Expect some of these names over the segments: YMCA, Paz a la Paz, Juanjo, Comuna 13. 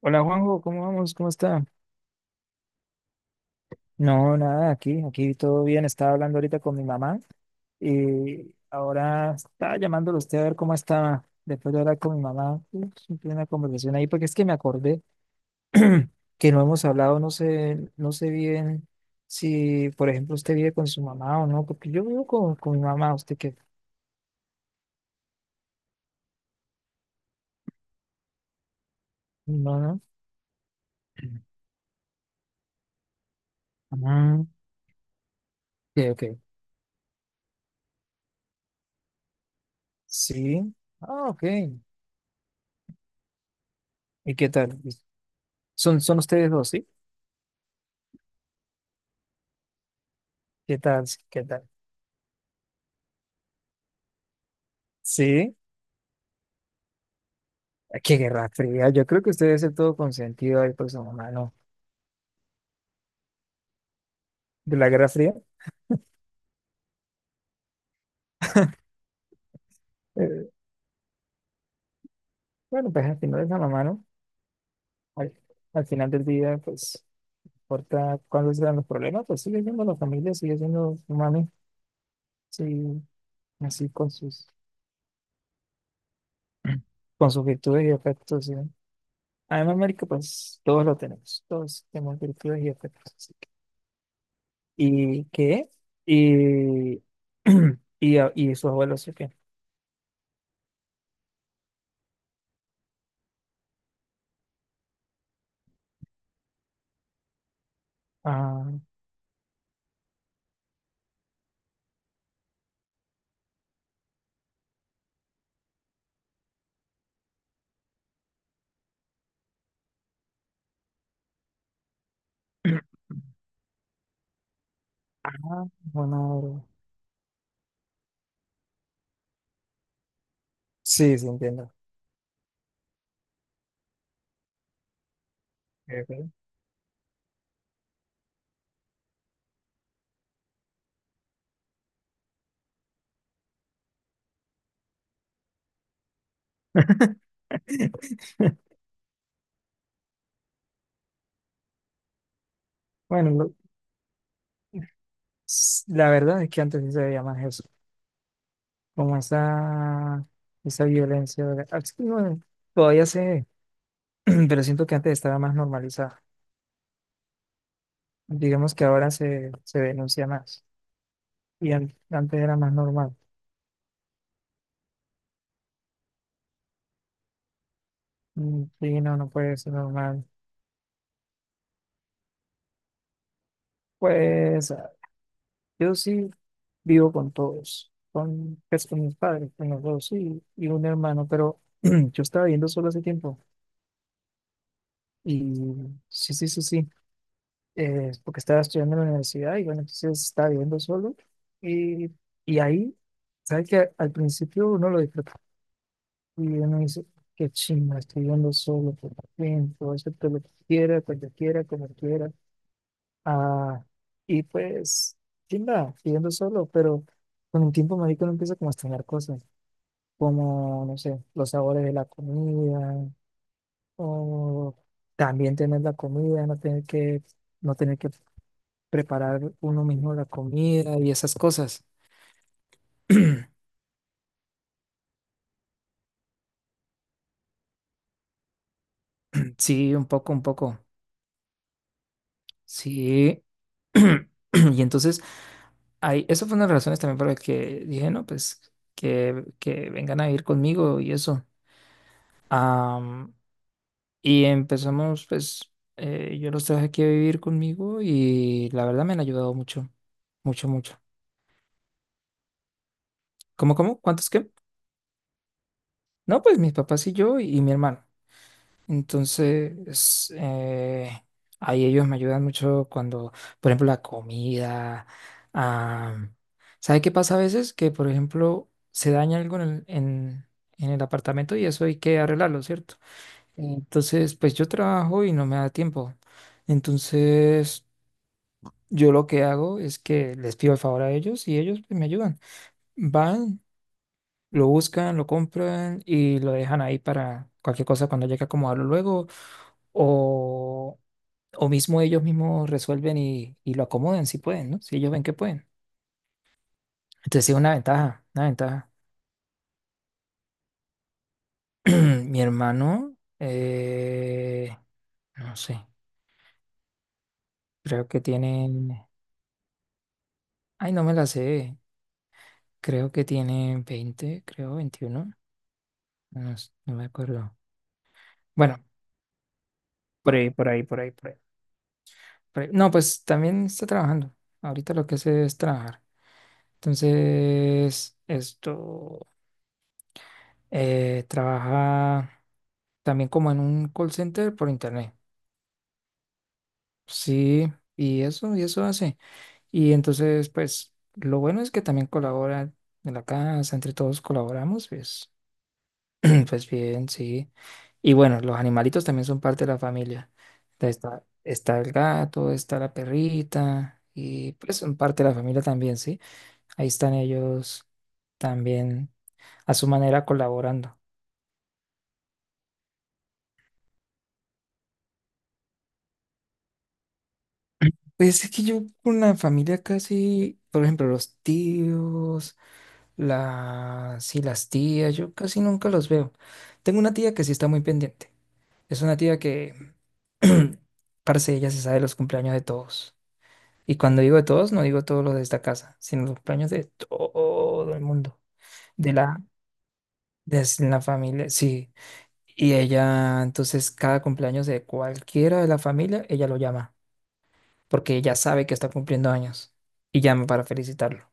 Hola Juanjo, ¿cómo vamos? ¿Cómo está? No, nada, aquí todo bien. Estaba hablando ahorita con mi mamá y ahora estaba llamándolo a usted a ver cómo estaba. Después de hablar con mi mamá, uf, tuve una conversación ahí porque es que me acordé que no hemos hablado, no sé, no sé bien si, por ejemplo, usted vive con su mamá o no, porque yo vivo con mi mamá, usted qué, no, no. Ah, ok, ok. Sí. Ah, ok. ¿Y qué tal? ¿Son, son ustedes dos, sí? ¿Qué tal? ¿Qué tal? Sí, ah, qué guerra fría. Yo creo que usted debe ser todo consentido ahí por su mamá, ¿no? De la guerra fría. Eh, bueno, pues al final es la mamá, ¿no? Al, al final del día, pues, importa cuáles sean los problemas, pues sigue siendo la familia, sigue siendo su mami, sí, así con sus, con sus virtudes y defectos, ¿sí? Además, marica, pues todos lo tenemos, todos tenemos virtudes y defectos. Así que... ¿Y qué? Y, y, a- y sus abuelos, ¿sí qué? Ah, ah, bueno. Sí, sí, entiendo. Ok, ok. Bueno, lo- s- la verdad es que antes sí se veía más eso, como esa violencia. ¿Verdad? Ah, sí, bueno, todavía se ve, pero siento que antes estaba más normalizada. Digamos que ahora se denuncia más y an- antes era más normal. Mm, sí, no, no puede ser normal. Pues yo sí vivo con todos, con, pues, con mis padres, con los dos y un hermano, pero yo estaba viviendo solo hace tiempo. Y sí, sí, sí, sí, porque estaba estudiando en la universidad y bueno, entonces estaba viviendo solo. Y, y ahí, ¿sabes que al principio uno lo disfruta y uno dice, qué chimba, estoy viviendo solo por fin, puedo hacer todo lo que quiera, cuando quiera, como quiera? Ah, y pues, chimba, viviendo solo, pero con el tiempo, marico, uno empieza como a extrañar cosas, como, no sé, los sabores de la comida, o también tener la comida, no tener que no tener que preparar uno mismo la comida y esas cosas. Sí, un poco, un poco. Sí. Y entonces, ahí, eso fue una de las razones también por las que dije, no, pues que vengan a vivir conmigo y eso. Am, y empezamos, pues, yo los traje aquí a vivir conmigo y la verdad me han ayudado mucho, mucho, mucho. ¿Cómo, cómo? ¿Cuántos qué? No, pues mis papás y yo y mi hermano. Entonces, ahí ellos me ayudan mucho cuando, por ejemplo, la comida. ah, ¿Sabe qué pasa a veces? Que, por ejemplo, se daña algo en el apartamento y eso hay que arreglarlo, ¿cierto? Entonces, pues yo trabajo y no me da tiempo. Entonces, yo lo que hago es que les pido el favor a ellos y ellos pues, me ayudan. Van. Lo buscan, lo compran y lo dejan ahí para cualquier cosa cuando llegue a acomodarlo luego. O, o mismo ellos mismos resuelven y lo acomodan si pueden, ¿no? Si ellos ven que pueden. Entonces sí, una ventaja, una ventaja. Mi hermano, no sé, creo que tiene, ay, no me la sé, creo que tiene 20, creo 21, no, s- no me acuerdo. Bueno, por ahí, por ahí, por ahí, por ahí, por ahí. No, pues también está trabajando. Ahorita lo que hace es trabajar. Entonces, esto trabaja también como en un call center por internet. Sí, y eso hace. Y entonces, pues, lo bueno es que también colabora en la casa, entre todos colaboramos, pues, pues bien, sí. Y bueno, los animalitos también son parte de la familia. Entonces, está, está el gato, está la perrita, y pues son parte de la familia también, sí. Ahí están ellos también a su manera colaborando. Pues es que yo con la familia casi, por ejemplo, los tíos, las, sí, las tías, yo casi nunca los veo. Tengo una tía que sí está muy pendiente. Es una tía que, parce, ella se sabe los cumpleaños de todos. Y cuando digo de todos, no digo todos los de esta casa, sino los cumpleaños de todo el mundo. De la, de la familia, sí. Y ella, entonces, cada cumpleaños de cualquiera de la familia, ella lo llama. Porque ya sabe que está cumpliendo años y llama para felicitarlo.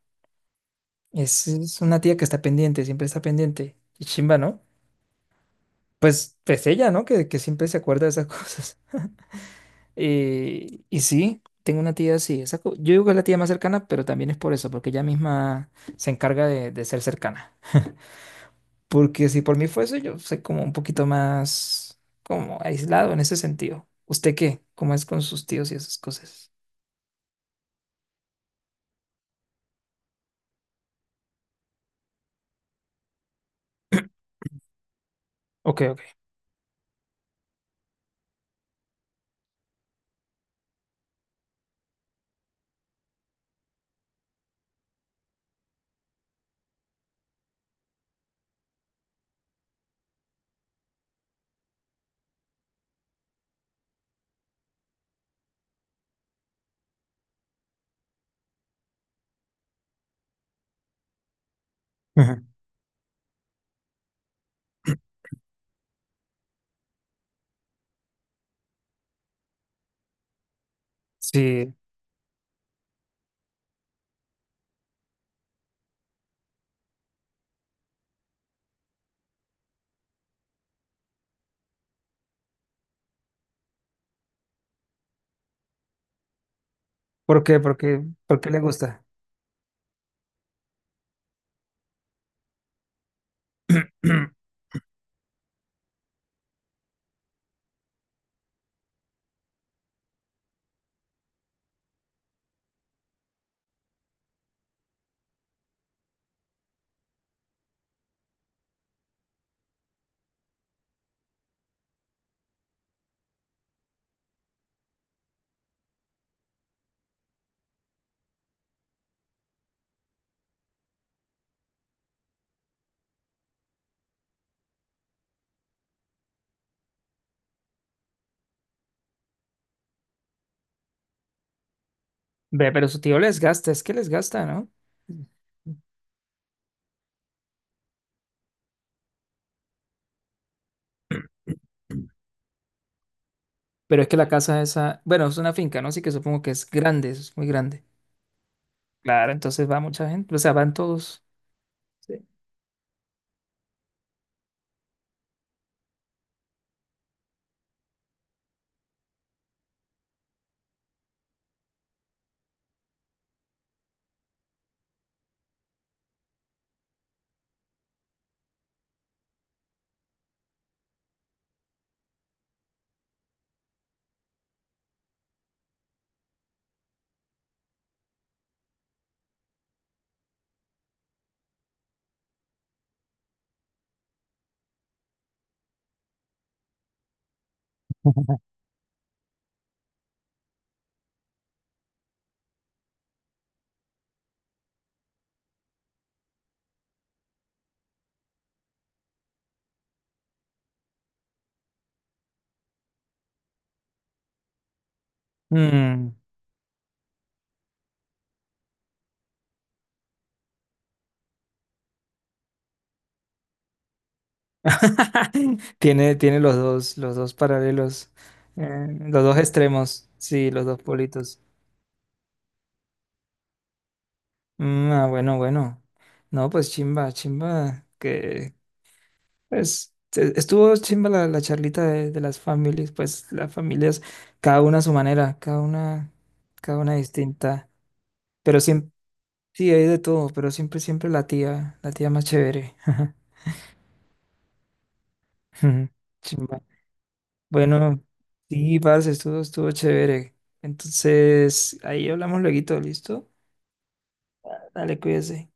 Es una tía que está pendiente, siempre está pendiente. Y chimba, ¿no? Pues, pues ella, ¿no? Que siempre se acuerda de esas cosas. Y sí, tengo una tía así. Esa co- yo digo que es la tía más cercana, pero también es por eso, porque ella misma se encarga de ser cercana. Porque si por mí fuese, yo soy como un poquito más como aislado en ese sentido. ¿Usted qué? ¿Cómo es con sus tíos y esas cosas? Ok, ok. Ujú. Sí. ¿Por qué? ¿Por qué? ¿Por qué le gusta? Ve, pero su tío les gasta, es que les gasta, ¿no? Pero es que la casa esa, bueno, es una finca, ¿no? Así que supongo que es grande, es muy grande. Claro, entonces va mucha gente, o sea, van todos. Sí. Mm. Tiene, tiene los dos paralelos, los dos extremos, sí, los dos politos. Mm, ah, bueno, bueno. No, pues chimba, chimba, que, pues e- estuvo chimba la, la charlita de las familias, pues las familias, cada una a su manera, cada una distinta, pero siempre, sí, hay de todo, pero siempre, siempre la tía más chévere. Ujú. Chimba. Bueno, sí, parce, estuvo, estuvo chévere. Entonces, ahí hablamos lueguito, ¿listo? Dale, cuídese.